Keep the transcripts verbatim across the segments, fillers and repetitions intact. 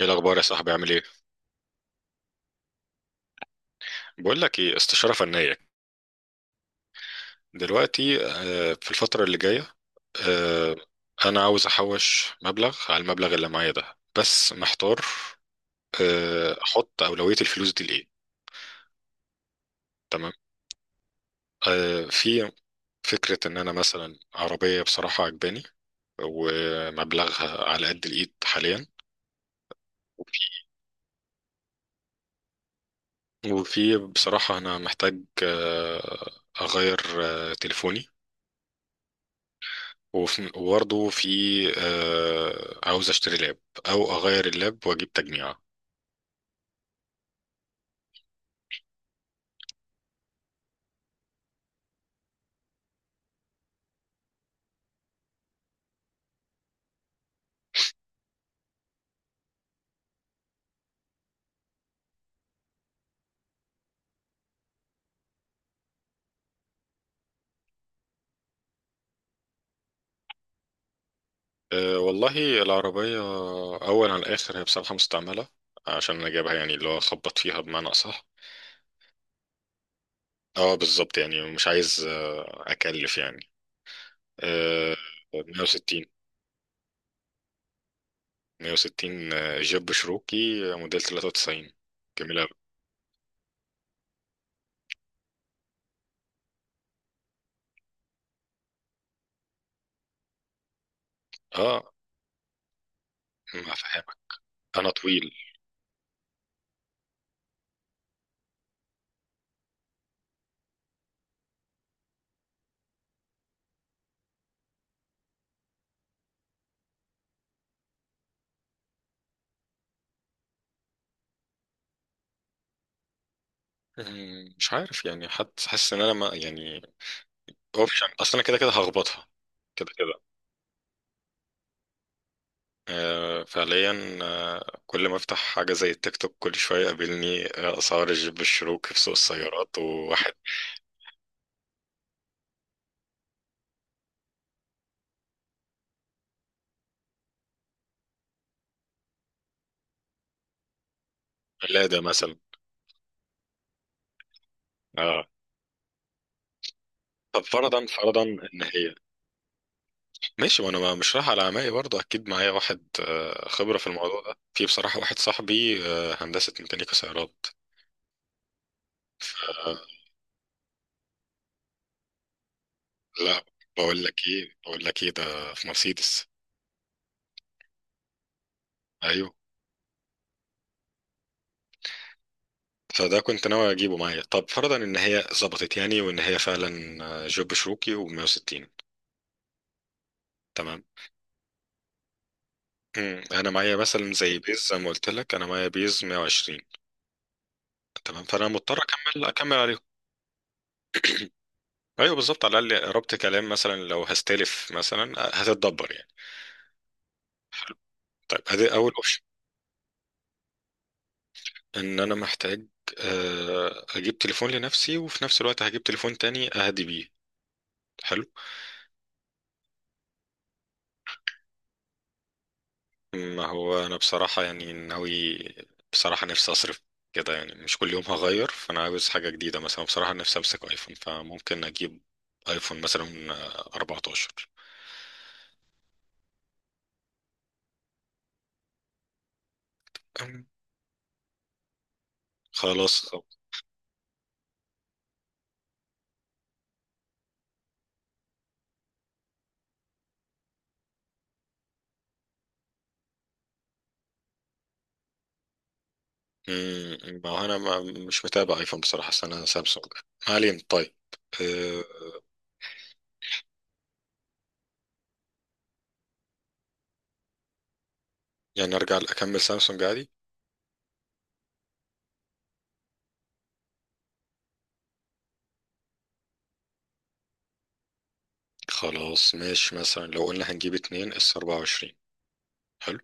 ايه الاخبار يا صاحبي؟ عامل ايه؟ بقول لك ايه؟ استشاره فنيه. دلوقتي، آه، في الفتره اللي جايه، آه، انا عاوز احوش مبلغ على المبلغ اللي معايا ده، بس محتار. آه، احط اولويه الفلوس دي لايه؟ تمام. آه، في فكره ان انا مثلا عربيه بصراحه عجباني، ومبلغها على قد الايد حاليا. وفي بصراحه انا محتاج آه، اغير آه، تليفوني. وفي- وبرضه في آه، عاوز اشتري لاب، او اغير اللاب واجيب تجميعة. آه، والله العربية اول على الاخر هي بصراحة مستعملة، عشان انا جايبها يعني اللي هو خبط فيها بمعنى اصح. اه، بالظبط. يعني مش عايز آه، اكلف يعني. آه، مية وستين مية وستين، آه، جيب شروكي، آه، موديل تلاتة وتسعين. جميل أوي. اه، ما فهمك. انا طويل. مم، مش عارف يعني، حد حاسس ان انا، ما يعني، اوبشن. اصل انا كده كده هخبطها كده. آه، فعليا، آه، كل ما افتح حاجة زي التيك توك كل شوية يقابلني آه، أسعار الجيب الشروكي في سوق السيارات، وواحد قلادة مثلا. اه. طب فرضا، فرضا إن هي ماشي. وأنا ما- مش رايح على عمائي برضه، أكيد معايا واحد آه، خبرة في الموضوع ده. في بصراحة واحد صاحبي آه، هندسة ميكانيكا سيارات. آه، لا، بقول لك إيه بقول لك إيه؟ ده في مرسيدس. أيوه. فده كنت ناوي أجيبه معايا. طب فرضا إن هي ظبطت يعني، وإن هي فعلا آه، جيب شروكي و160. تمام. مم. انا معايا مثلا زي بيز، زي ما قلت لك، انا معايا بيز مية وعشرين. تمام. فانا مضطر اكمل اكمل عليهم. ايوه بالظبط، على الاقل ربط كلام، مثلا لو هستلف مثلا هتتدبر يعني. طيب، ادي اول اوبشن. ان انا محتاج آه، اجيب تليفون لنفسي، وفي نفس الوقت هجيب تليفون تاني اهدي بيه. حلو. ما هو انا بصراحة يعني ناوي، بصراحة نفسي اصرف كده. يعني مش كل يوم هغير، فانا عاوز حاجة جديدة مثلا. بصراحة نفسي امسك ايفون، فممكن اجيب ايفون مثلا آه، اربعة عشر. خلاص، طب. مم، ما هو انا، ما، مش متابع ايفون بصراحه، بس انا سامسونج. ما علينا، طيب. أه. يعني ارجع اكمل سامسونج عادي. خلاص ماشي، مثلا لو قلنا هنجيب اتنين اس اربعة وعشرين. حلو.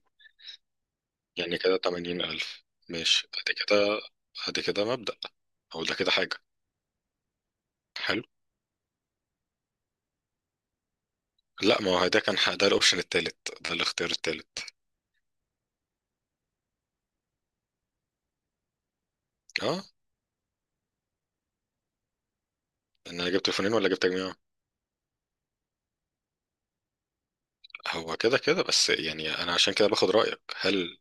يعني كده تمانين الف. ماشي، ادي كده. ادي كده مبدأ، او ده كده حاجه. حلو. لا، ما هو ده كان ح- ده الاوبشن التالت، ده الاختيار التالت. اه. ان انا جبت تليفونين ولا جبت تجميع؟ هو كده كده، بس يعني انا عشان كده باخد رأيك، هل،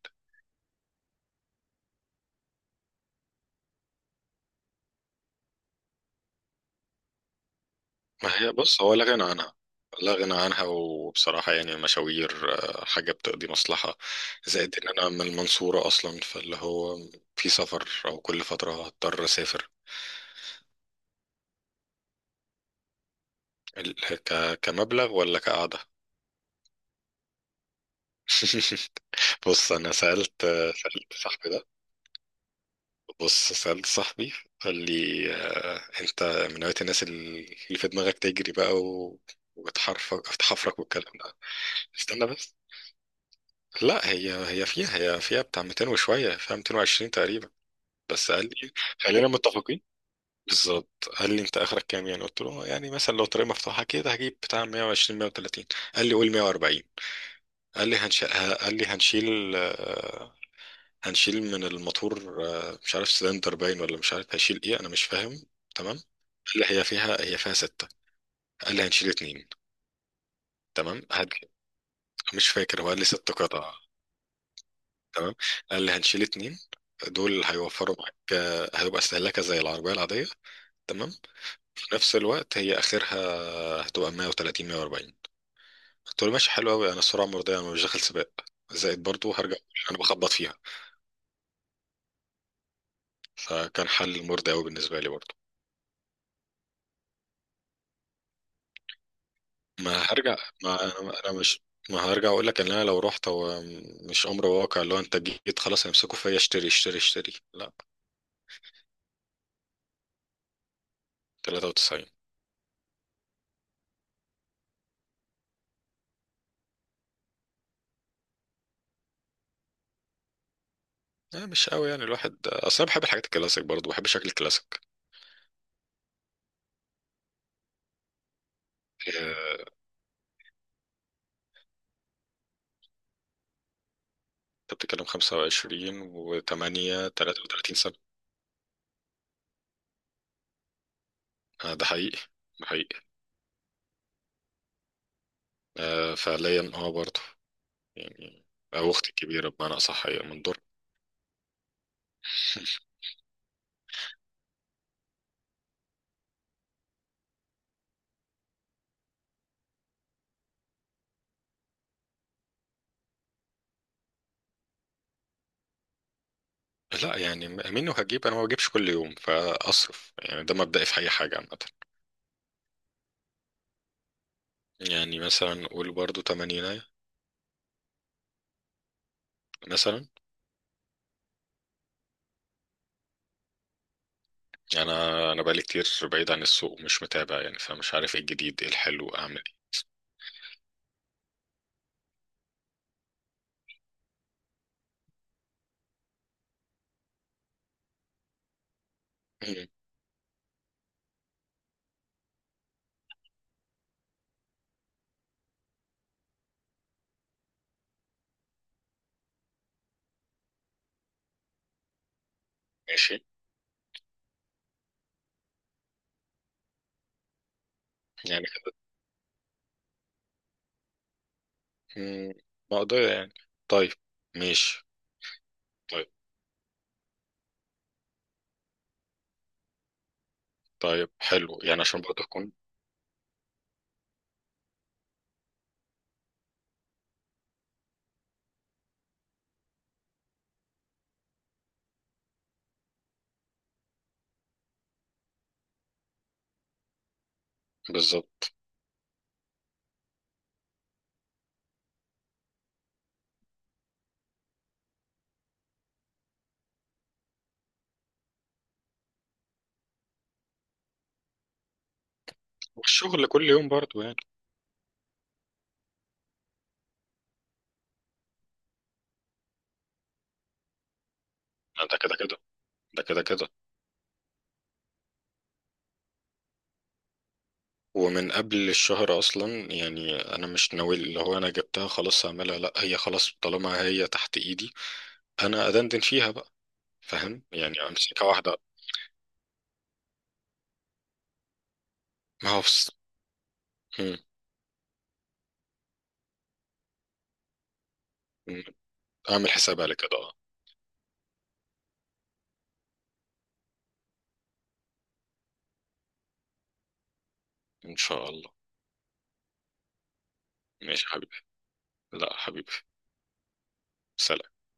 ما هي بص هو لا غنى عنها. لا غنى عنها. وبصراحة يعني المشاوير آه، حاجة بتقضي مصلحة. زائد إن أنا من المنصورة أصلا، فاللي هو في سفر أو كل فترة هضطر أسافر. ال- ك... كمبلغ ولا كقعدة؟ بص أنا سألت، سألت صاحبي ده، بص سألت صاحبي، قال لي آه، أنت من نوعية الناس اللي في دماغك تجري بقى، و... وتحرفك تحفرك والكلام ده. استنى بس. لا، هي هي فيها هي فيها بتاع ميتين وشوية، فيها ميتين وعشرين تقريبا. بس قال لي، خلينا متفقين. بالظبط. قال لي انت اخرك كام؟ يعني قلت له يعني مثلا لو طريق مفتوحة كده هجيب بتاع مية وعشرين، مية وتلاتين. قال لي قول مية واربعين. قال لي هنش... ه- قال لي هنشيل، آه، هنشيل من الموتور آه، مش عارف سلندر باين، ولا مش عارف هشيل ايه، انا مش فاهم. تمام. قال لي هي فيها هي فيها ستة. قال لي هنشيل اتنين. تمام. هد... مش فاكر، هو قال لي ست قطع. تمام. انا اللي هنشيل اتنين دول هيوفروا معاك، آه، هيبقى استهلاكها زي العربية العادية. تمام. في نفس الوقت هي آخرها هتبقى مية وتلاتين، مية واربعين. قلت له ماشي، حلو أوي. أنا السرعة مرضية، أنا مش داخل سباق. زائد برضو هرجع، أنا بخبط فيها. فكان حل مرضي أوي بالنسبة لي برضو. ما هرجع. ما أنا أنا مش، ما هرجع أقول لك، إن أنا لو رحت، هو مش أمر واقع اللي هو أنت جيت خلاص هيمسكوا فيا اشتري اشتري اشتري، لا. تلاتة وتسعين. لا مش قوي يعني، الواحد اصلا بحب الحاجات الكلاسيك، برضو بحب شكل الكلاسيك. انت بتتكلم خمسة وعشرين و8، تلاتة وتلاتين سنة. آه، ده حقيقي، ده حقيقي. آه فعليا، اه برضه يعني، او اختي الكبيرة بمعنى اصح، هي من دور. لا يعني، م- منه هجيب، انا ما بجيبش كل يوم فاصرف يعني، ده مبدئي في اي حاجة عامة. يعني مثلا قول برضه تمانين مثلا. انا انا بقالي كتير بعيد عن السوق، مش متابع يعني، فمش عارف ايه الجديد ايه الحلو اعمل. إيه. مم. ماشي. يعني كده. مم، مقدرة يعني. طيب. ماشي. طيب. طيب حلو يعني، عشان برضه أكون، بالظبط. والشغل كل يوم برضه يعني. ده كده كده. ده كده كده. ومن قبل الشهر أصلا. يعني أنا مش ناوي اللي هو أنا جبتها خلاص هعملها. لأ، هي خلاص طالما هي تحت إيدي، أنا أدندن فيها بقى. فاهم يعني، أمسكها واحدة. ما هو بس... مم، مم، أعمل حساب على كده، أه. إن شاء الله. ماشي يا حبيبي. لأ حبيبي. سلام.